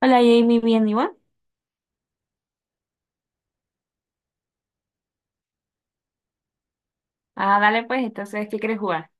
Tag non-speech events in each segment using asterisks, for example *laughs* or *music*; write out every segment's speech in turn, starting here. Hola Jamie, bien, ¿y vos? Ah, dale pues, entonces, ¿qué quieres jugar?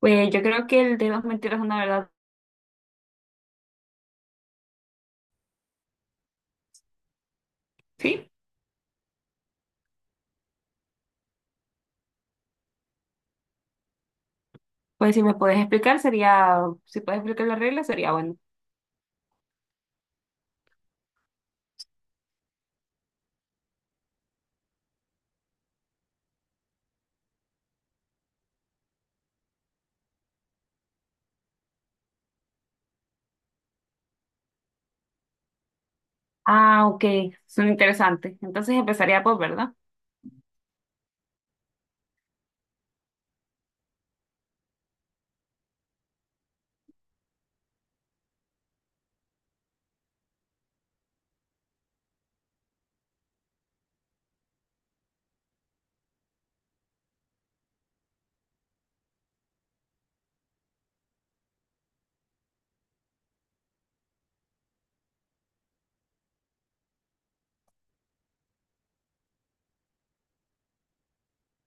Pues yo creo que el de dos mentiras, una verdad, sí. Pues si me puedes explicar, sería, si puedes explicar las reglas, sería bueno. Ah, ok, son interesantes. Entonces empezaría por, ¿verdad?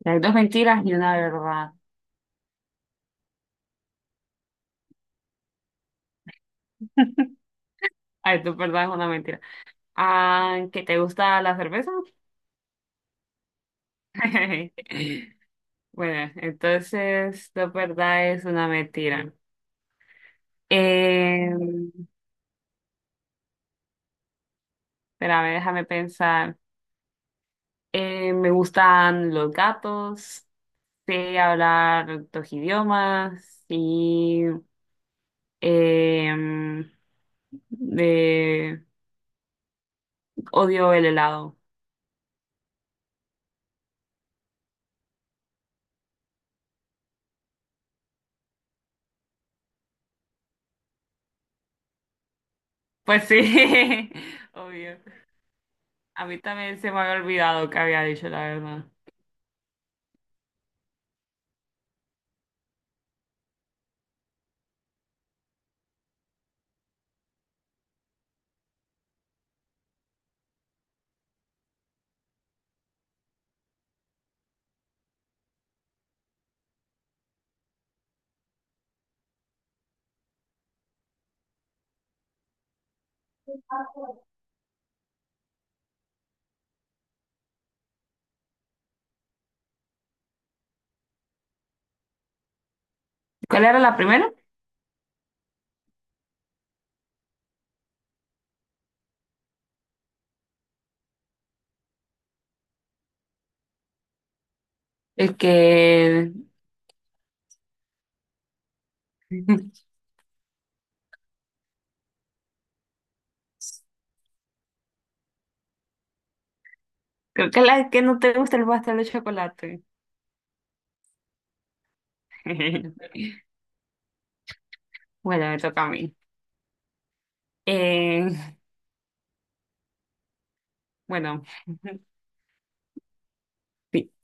Hay dos mentiras y una verdad. *laughs* Ay, tu verdad es una mentira. Ah, ¿que te gusta la cerveza? *laughs* Bueno, entonces tu verdad es una mentira. Eh, Espérame, déjame pensar. Me gustan los gatos, sé hablar dos idiomas y em, de- odio el helado. Pues sí, *laughs* obvio. A mí también se me había olvidado que había dicho la verdad. ¿Cuál era la primera? Es que *laughs* creo que la que no te gusta el pastel de chocolate. *laughs* Bueno, me toca a mí. Eh, bueno. *laughs*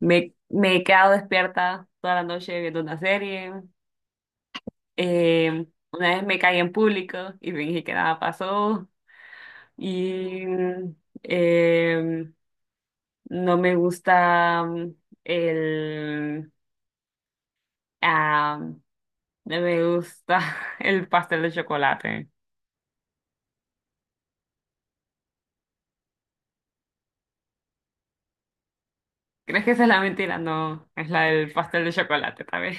Me he quedado despierta toda la noche viendo una serie. Una vez me caí en público y fingí que nada pasó. Y eh, no me gusta el... ah, no me gusta *laughs* el pastel de chocolate. ¿Crees que esa es la mentira? No, es la del pastel de chocolate, tal vez.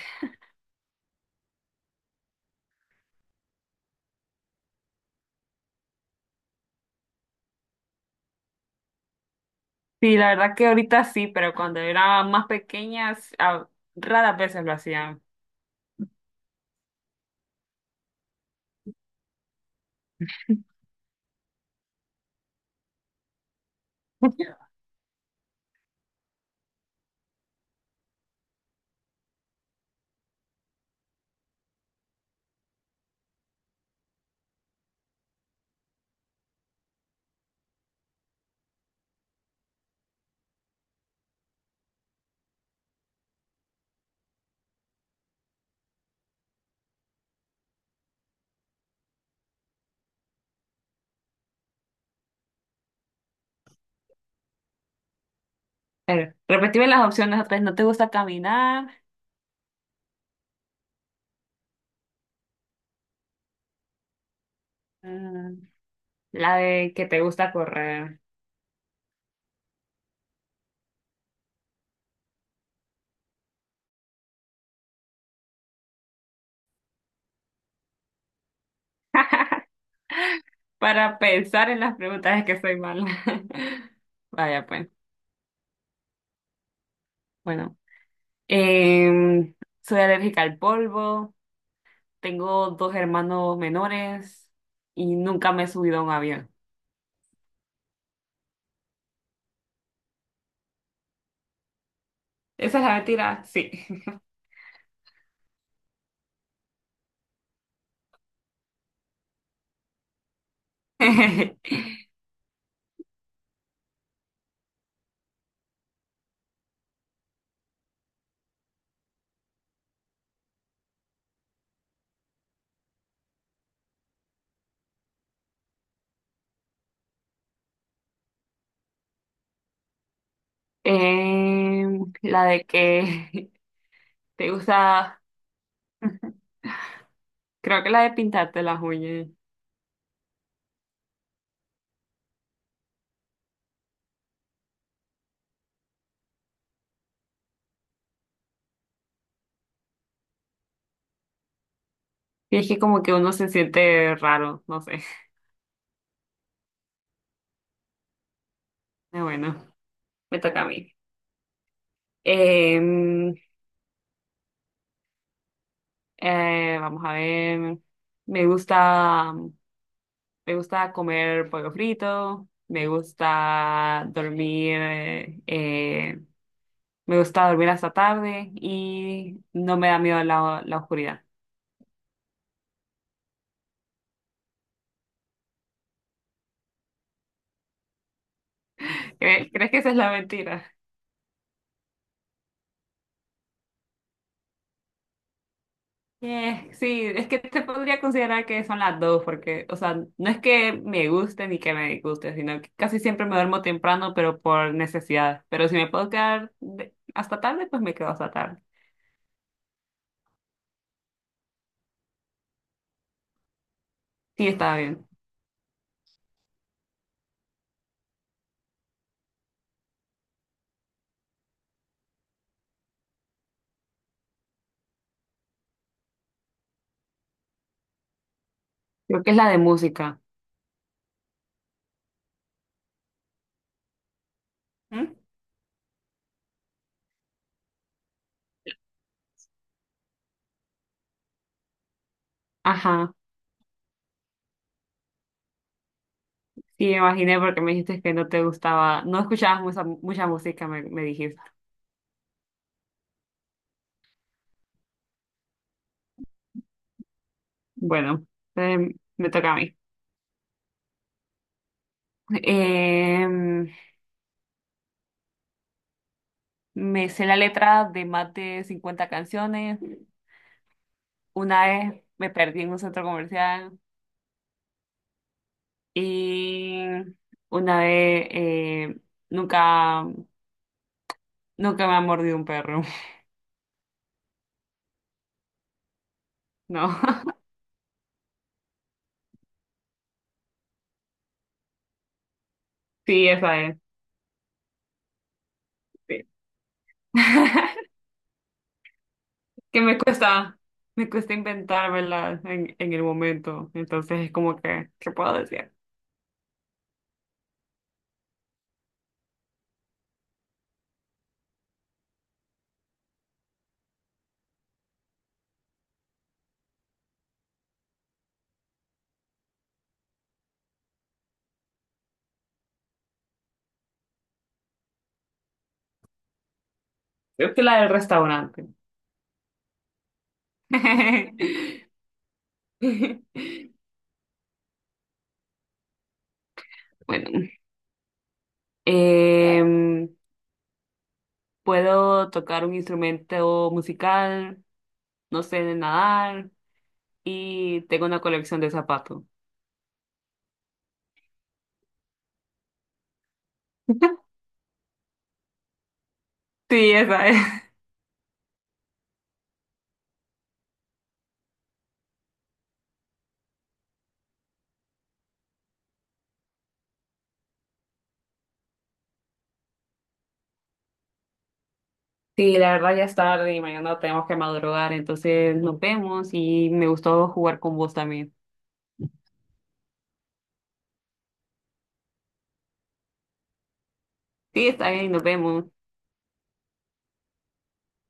Sí, la verdad que ahorita sí, pero cuando era más pequeña, ah, raras veces lo hacía. A ver, repetime las opciones otra vez. No te gusta caminar, mm, la de que te gusta correr. Para pensar en las preguntas es que soy mala. *laughs* Vaya, pues. Bueno, Em, soy alérgica al polvo, tengo dos hermanos menores y nunca me he subido a un avión. ¿Esa es la mentira? Sí. *laughs* La de que *laughs* te gusta, *laughs* creo que la de pintarte las uñas. Y es que como que uno se siente raro, no sé. *laughs* Bueno, me toca a mí. Em, vamos a ver. Me gusta, me gusta comer pollo frito. Me gusta dormir. Me gusta dormir hasta tarde y no me da miedo la oscuridad. ¿Cre- ¿Crees que esa es la mentira? Yeah, sí, es que te podría considerar que son las dos, porque, o sea, no es que me guste ni que me disguste, sino que casi siempre me duermo temprano, pero por necesidad. Pero si me puedo quedar hasta tarde, pues me quedo hasta tarde. Sí, está bien. Creo que es la de música. ¿Mm? Ajá, sí, me imaginé porque me dijiste que no te gustaba, no escuchabas mucha música, me dijiste. Bueno, me toca a mí. Em, me sé la letra de más de 50 canciones. Una vez me perdí en un centro comercial y una vez nunca, nunca me ha mordido un perro. *laughs* No, sí, esa es. Sí. *laughs* Que me cuesta inventármela en el momento. Entonces es como que, ¿qué puedo decir? Creo que la del restaurante. *laughs* Bueno, em, puedo tocar un instrumento musical, no sé, de nadar. Y tengo una colección de zapatos. *laughs* Sí, esa es. Sí, la verdad ya es tarde y mañana tenemos que madrugar, entonces nos vemos y me gustó jugar con vos también. Sí, está bien, nos vemos.